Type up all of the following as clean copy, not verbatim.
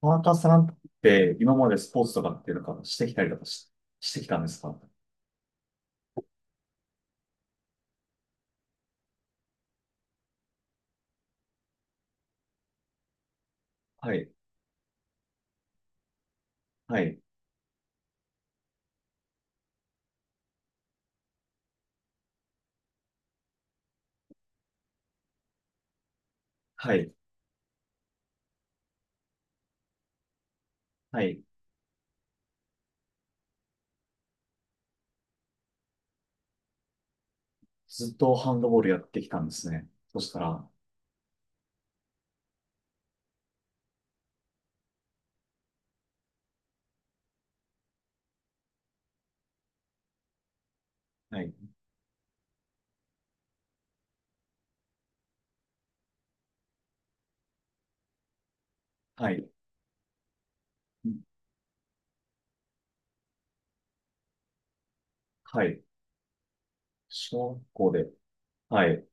田中さんって今までスポーツとかっていうのかしてきたりとかし、してきたんですか？はい、はい、はい、はい。ずっとハンドボールやってきたんですね。そしたら、はい、はい、うん、はい。小学校で、はい。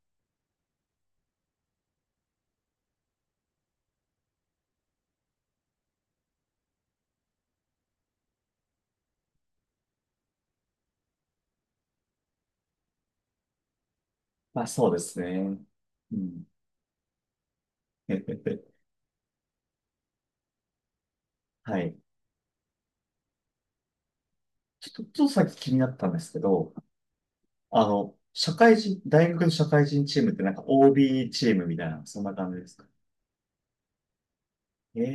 まあ、そうですね。うん。はい。ちょっと、ちょっとさっき気になったんですけど、社会人、大学の社会人チームってなんか OB チームみたいな、そんな感じですか？ええ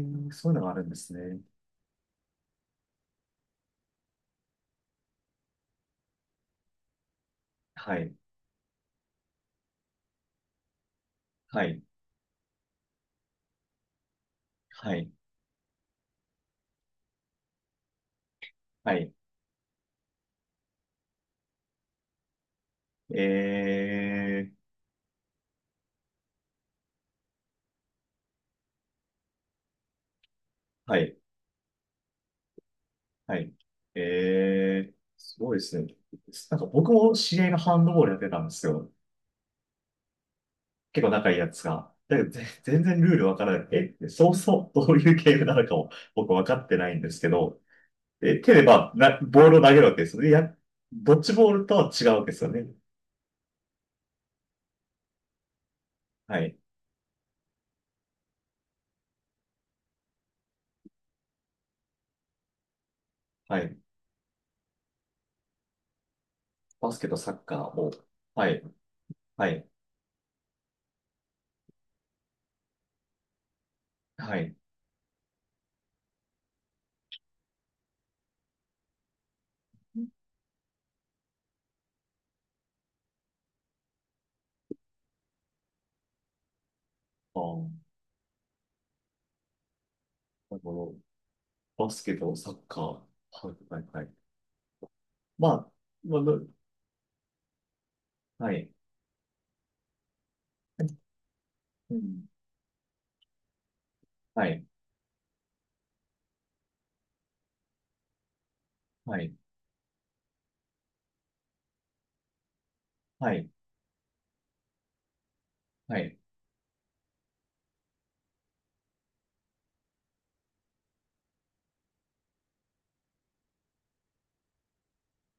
ー、そういうのがあるんですね。はい、はい、はい。はい、ええ、はい、はい。ええ、すごいですね。なんか僕も知り合いがハンドボールやってたんですよ。結構仲いいやつが。だけど、全然ルールわからなくて、え、そうそう、どういうゲームなのかを僕分かってないんですけど、え、手でまあ、ボールを投げるわけですよね。いや、ドッジボールとは違うわけですよね。はい、はい。バスケとサッカーを。はい、はい、はい。ああ、なるほど。バスケとサッカー。はい、はい、はい。まあ、まあ、はい。うん。はい、はい、はい、はい。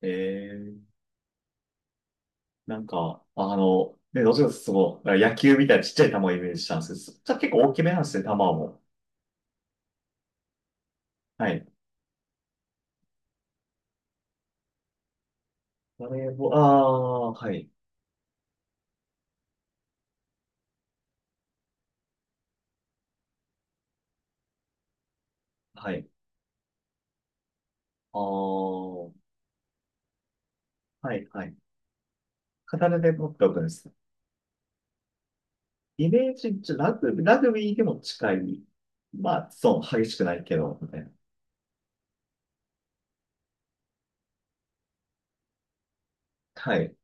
えー、なんか、ね、どちらかというとその、野球みたいなちっちゃい球をイメージしたんですけど、そじゃあ結構大きめなんですね、球も。はい。バレーボール、あー、はい、はい、あー、はい、はい。片で持っておくんです。イメージ、ラグビー、ラグビーでも近い。まあ、そう、激しくないけど、みたいな。はい。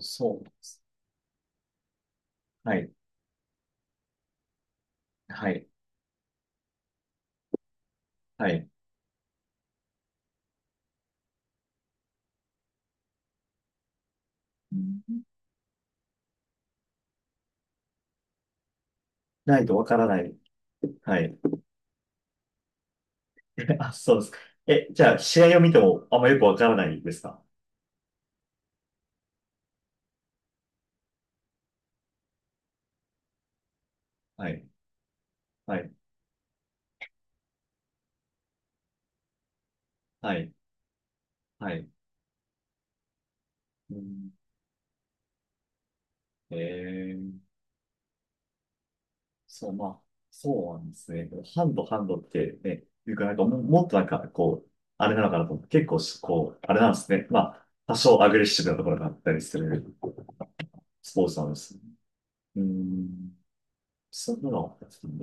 そうです。はい、はい、はい。うん、ないとわからない。はい。あ、そうですか。え、じゃあ、試合を見てもあんまよくわからないですか？はい、はい、はい、はい。うん、えー、そう、まあ、そうなんですね。ハンド、ハンドってね、いうか、なんかも、もっとなんか、こう、あれなのかなと思って、結構し、こう、あれなんですね。まあ、多少アグレッシブなところがあったりするスポーツなんです。うん、そんなの、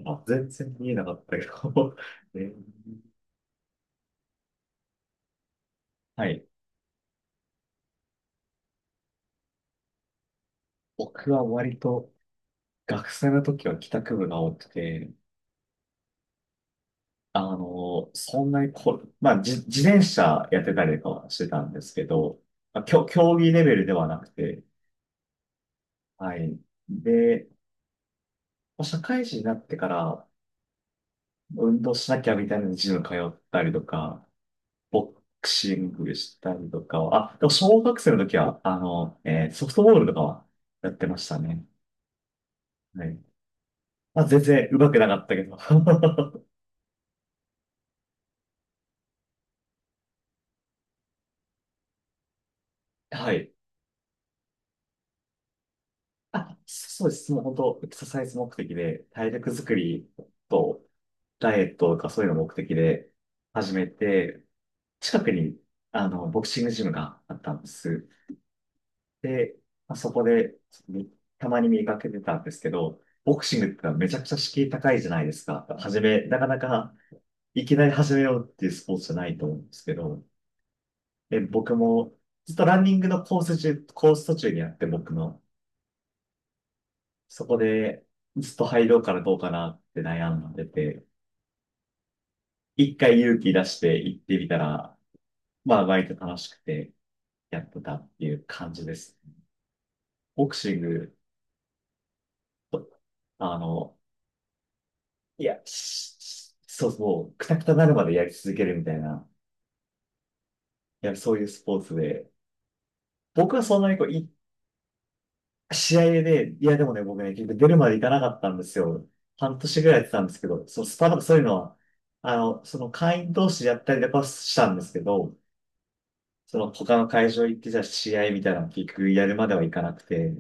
あ、全然見えなかったけど、えー、はい。僕は割と学生の時は帰宅部が多くて、そんなにこ、まあ、自転車やってたりとかはしてたんですけど、まあ、競技レベルではなくて、はい。で、まあ社会人になってから運動しなきゃみたいなジム通ったりとか、ボクシングしたりとかは、あ、でも小学生の時は、ソフトボールとかはやってましたね。はい。まあ、全然上手くなかったけど。はい。あ、そうです。もう本当、エクササイズ目的で、体力作りと、ダイエットとかそういうの目的で始めて、近くに、ボクシングジムがあったんです。で、まあそこで、みたまに見かけてたんですけど、ボクシングってのはめちゃくちゃ敷居高いじゃないですか。始め、なかなか、いきなり始めようっていうスポーツじゃないと思うんですけど、で、僕も、ずっとランニングのコース中、コース途中にあって僕の、そこで、ずっと入ろうかなどうかなって悩んでて、一回勇気出して行ってみたら、まあ、割と楽しくてやってたっていう感じです。ボクシング、あの、いや、そうそう、くたくたなるまでやり続けるみたいな、いや、そういうスポーツで、僕はそんなにこう、試合で、いや、でもね、僕ね、結局出るまでいかなかったんですよ。半年ぐらいやってたんですけど、そう、そういうのは、その会員同士でやったりとかはしたんですけど、その他の会場行って、じゃあ試合みたいなの結局やるまではいかなくて、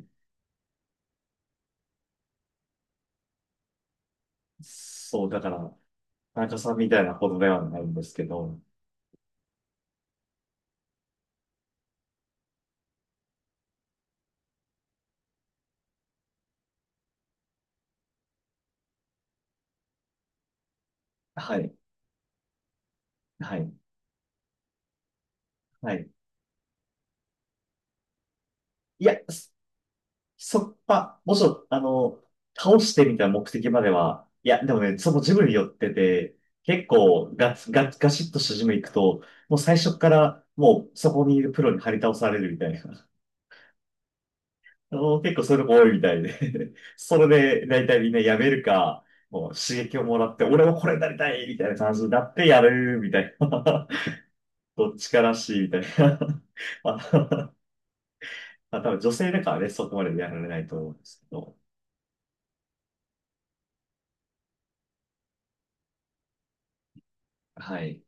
そう、だから、会社さんみたいなほどではないんですけど、はい、はい、はい。いや、そまあ、もちろん、倒してみたいな目的までは、いや、でもね、そのジムに寄ってて、結構ガツ、ガツ、ガシッとしたジム行くと、もう最初からもうそこにいるプロに張り倒されるみたいな。結構そういうのも多いみたいで それで大体みんなやめるか、もう刺激をもらって、俺もこれになりたいみたいな感じになってやるみたいな。どっちからしいみたいな。あ、まあ、多分女性だからね、そこまでやられないと思うんですけど、はい。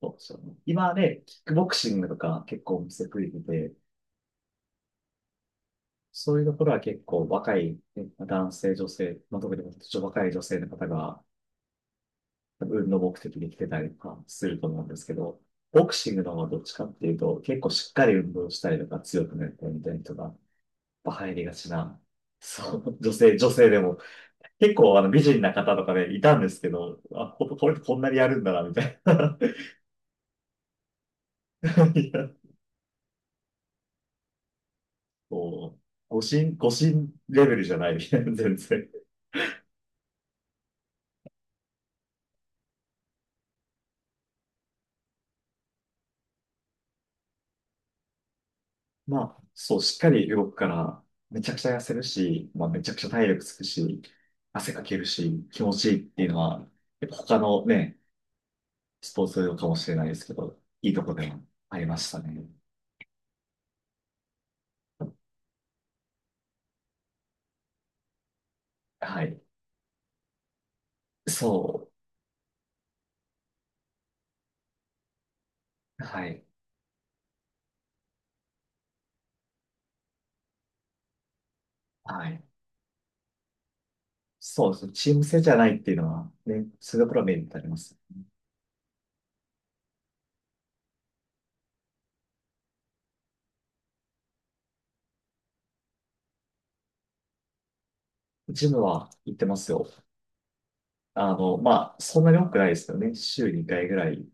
そうそう。今ね、キックボクシングとか結構お店増えてて、そういうところは結構若いね男性、女性、まあ、特に若い女性の方が運動目的で来てたりとかすると思うんですけど、ボクシングの方はどっちかっていうと、結構しっかり運動したりとか強くなったりみたいな人がやっぱ入りがちな、そう、女性、女性でも、結構あの美人な方とかね、いたんですけど、あ、れこんなにやるんだな、みたいな。いや、こう、誤信、誤信レベルじゃない、全然。まあ、そう、しっかり動くから、めちゃくちゃ痩せるし、まあ、めちゃくちゃ体力つくし、汗かけるし、気持ちいいっていうのは、やっぱ他のね、スポーツかもしれないですけど、いいとこでもありましたね。はい。そう。はい。はい。そうですね。チーム制じゃないっていうのは、ね、そういうところはメリットあります。ジムは行ってますよ。まあ、そんなに多くないですよね。週2回ぐらい、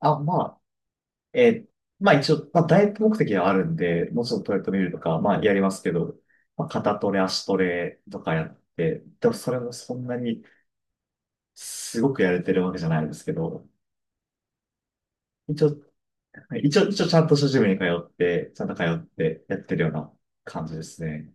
あ、まあ、えー、まあ一応、まあダイエット目的はあるんで、もうちょっとトレッドミルとか、まあやりますけど、まあ肩トレ、足トレとかやって、でもそれもそんなにすごくやれてるわけじゃないですけど、一応、一応ちゃんとしたジムに通って、ちゃんと通ってやってるような感じですね。